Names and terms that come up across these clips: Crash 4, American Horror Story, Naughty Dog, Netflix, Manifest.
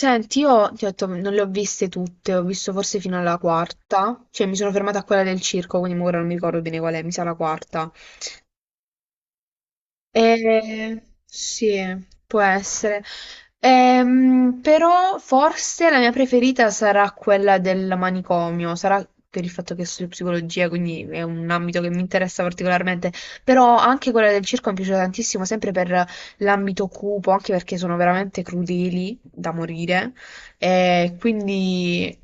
Senti, io ti ho detto, non le ho viste tutte, ho visto forse fino alla quarta, cioè mi sono fermata a quella del circo, quindi ora non mi ricordo bene qual è, mi sa la quarta. Sì, può essere. Però forse la mia preferita sarà quella del manicomio, sarà per il fatto che studio psicologia, quindi è un ambito che mi interessa particolarmente, però anche quella del circo mi piace tantissimo, sempre per l'ambito cupo, anche perché sono veramente crudeli da morire, e quindi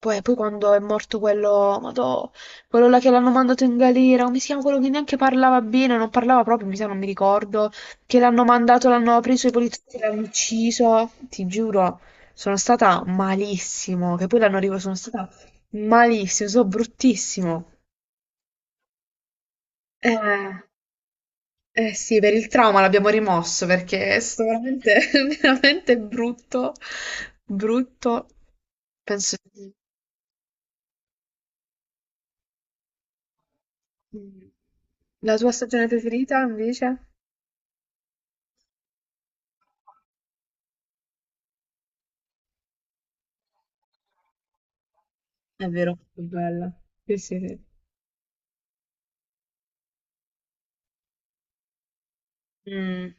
poi quando è morto quello, madò, quello là che l'hanno mandato in galera, come si chiama quello che neanche parlava bene, non parlava proprio, mi sa, non mi ricordo, che l'hanno mandato, l'hanno preso i poliziotti, l'hanno ucciso, ti giuro, sono stata malissimo, che poi l'hanno arrivato, sono stata malissimo, sono bruttissimo. Eh, eh sì, per il trauma l'abbiamo rimosso perché è stato veramente, veramente brutto, brutto, penso... Mh. La tua stagione preferita invece? È vero, è bella. Sì, sì, sì. Mh.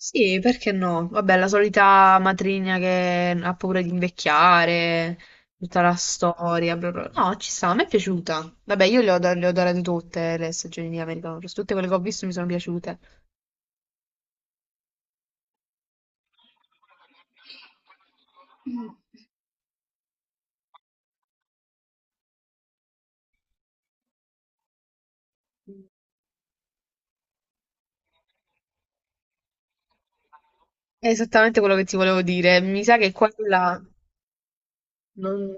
Sì, perché no? Vabbè, la solita matrigna che ha paura di invecchiare, tutta la storia, bla bla. No, ci sta, a me è piaciuta. Vabbè, io le ho, le ho adorate tutte le stagioni di American Horror, Story, tutte quelle che ho visto mi sono piaciute. È esattamente quello che ti volevo dire. Mi sa che quella non,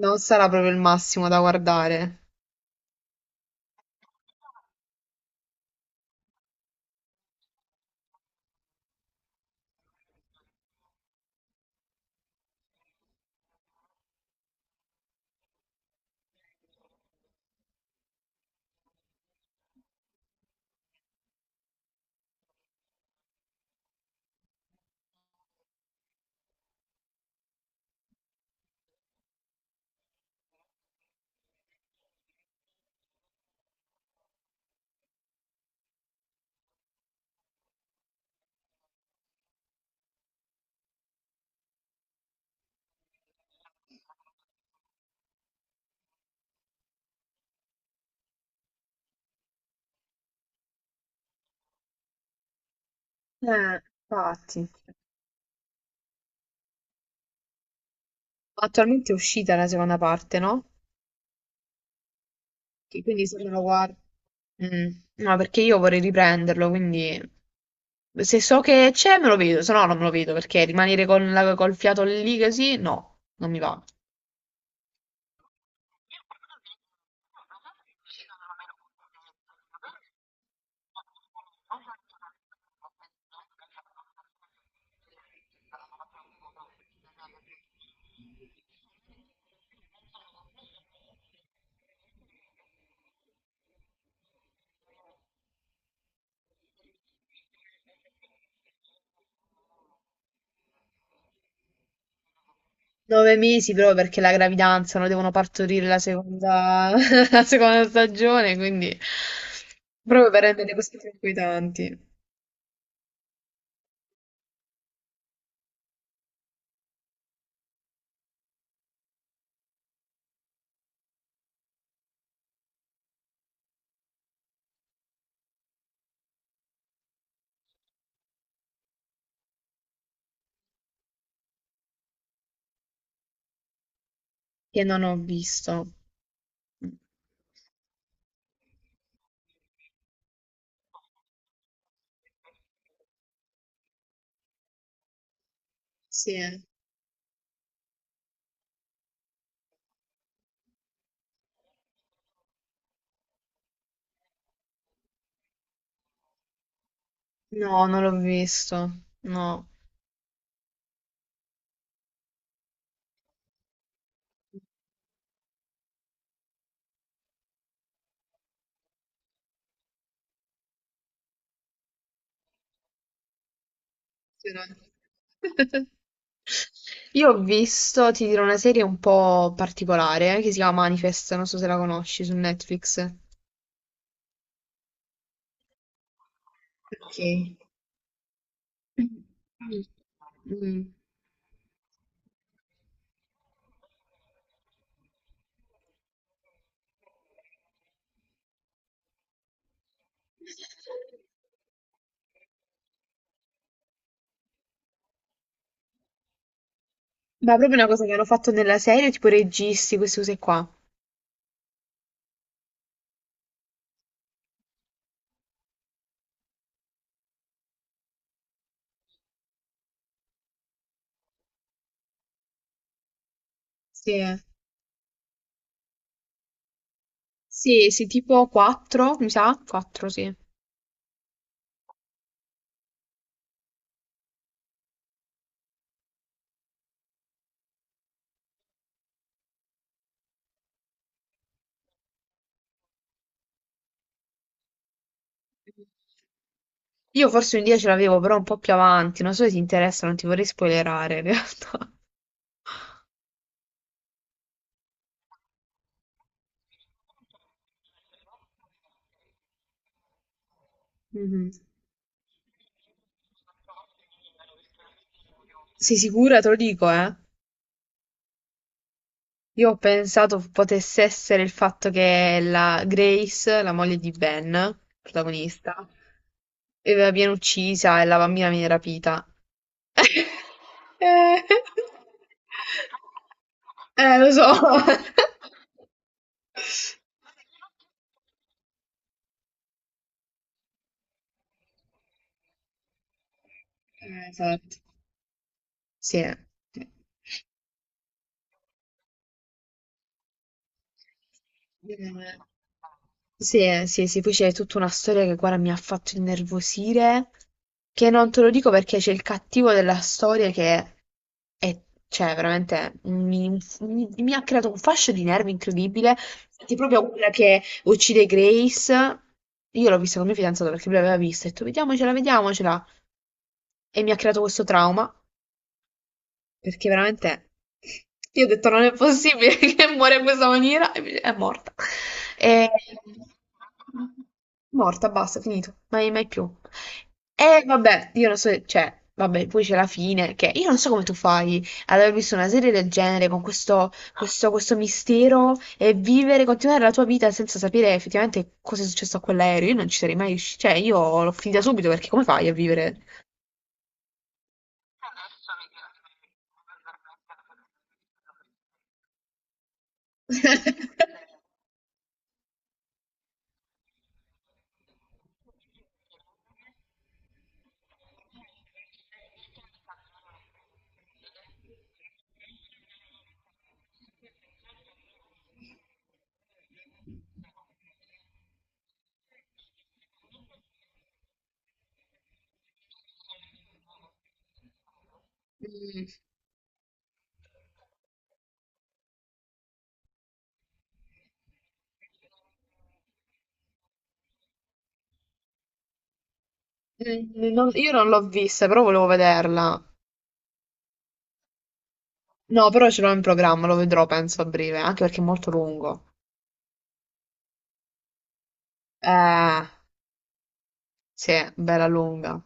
non sarà proprio il massimo da guardare. Eh, infatti. Attualmente è uscita la seconda parte, no? Che quindi se me lo guardo... Mm, no, perché io vorrei riprenderlo, quindi se so che c'è me lo vedo, se no non me lo vedo, perché rimanere con col fiato lì così, no, non mi va. Nove mesi proprio perché la gravidanza, non devono partorire la seconda, la seconda stagione, quindi proprio per rendere così tranquillanti, che non ho visto. Sì. No, non l'ho visto, no. Impressionante. Io ho visto, ti dirò, una serie un po' particolare che si chiama Manifest, non so se la conosci su Netflix. Ok. Mm. Ma proprio una cosa che hanno fatto nella serie, tipo registi, queste cose qua. Sì, eh. Sì, sì, tipo 4, mi sa? 4, sì. Io forse un dia ce l'avevo, però un po' più avanti, non so se ti interessa, non ti vorrei spoilerare in realtà. Mhm. Sei sicura? Te lo dico, eh. Io ho pensato potesse essere il fatto che la Grace, la moglie di Ben, protagonista, viene uccisa e la bambina viene rapita. Eh, lo so. Esatto. Sì. Eh, sì, sì, sì, poi c'è tutta una storia che guarda mi ha fatto innervosire, che non te lo dico perché c'è il cattivo della storia che è, cioè, veramente mi, mi ha creato un fascio di nervi incredibile. Infatti, proprio quella che uccide Grace, io l'ho vista con mio fidanzato perché lui l'aveva vista, e ho detto vediamocela, vediamocela, e mi ha creato questo trauma. Perché veramente io ho detto non è possibile che muore in questa maniera e invece è morta. E... Morta, basta, finito, mai, mai più. E vabbè, io non so, cioè, vabbè, poi c'è la fine, che io non so come tu fai ad aver visto una serie del genere con questo mistero e vivere, continuare la tua vita senza sapere effettivamente cosa è successo a quell'aereo. Io non ci sarei mai riuscita, cioè, io l'ho finita subito perché come fai a vivere? Mm. Io non l'ho vista, però volevo vederla. No, però ce l'ho in programma, lo vedrò penso a breve, anche perché è molto lungo. Eh, sì, bella lunga.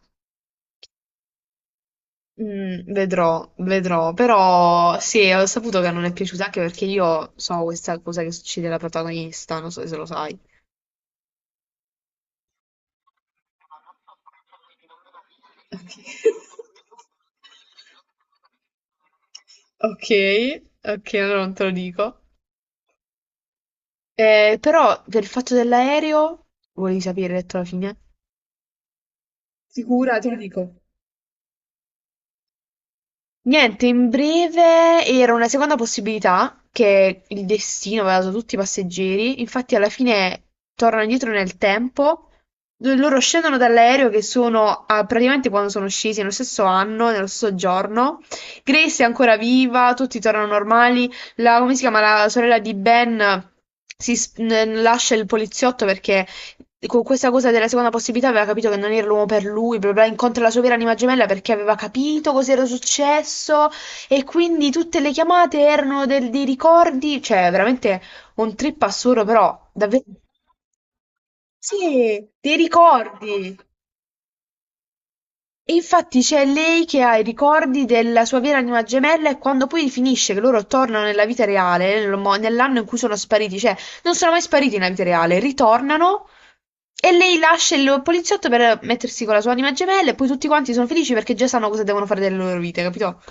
Mm, vedrò, vedrò, però sì, ho saputo che non è piaciuta anche perché io so questa cosa che succede alla protagonista, non so se lo sai. Ok, ok, ok, allora non te lo dico. Però per il fatto dell'aereo, volevi sapere detto alla fine? Sicura, te lo dico. Niente, in breve era una seconda possibilità che il destino aveva dato a tutti i passeggeri. Infatti, alla fine tornano indietro nel tempo. Dove loro scendono dall'aereo che sono ah, praticamente quando sono scesi nello stesso anno, nello stesso giorno. Grace è ancora viva, tutti tornano normali. La, come si chiama? La sorella di Ben lascia il poliziotto perché con questa cosa della seconda possibilità aveva capito che non era l'uomo per lui, bla bla, bla, incontra la sua vera anima gemella perché aveva capito cosa era successo e quindi tutte le chiamate erano dei ricordi, cioè veramente un trip assurdo, però davvero... Sì, dei ricordi. Infatti c'è lei che ha i ricordi della sua vera anima gemella e quando poi finisce che loro tornano nella vita reale, nell'anno in cui sono spariti, cioè non sono mai spariti nella vita reale, ritornano e lei lascia il poliziotto per mettersi con la sua anima gemella e poi tutti quanti sono felici perché già sanno cosa devono fare delle loro vite, capito?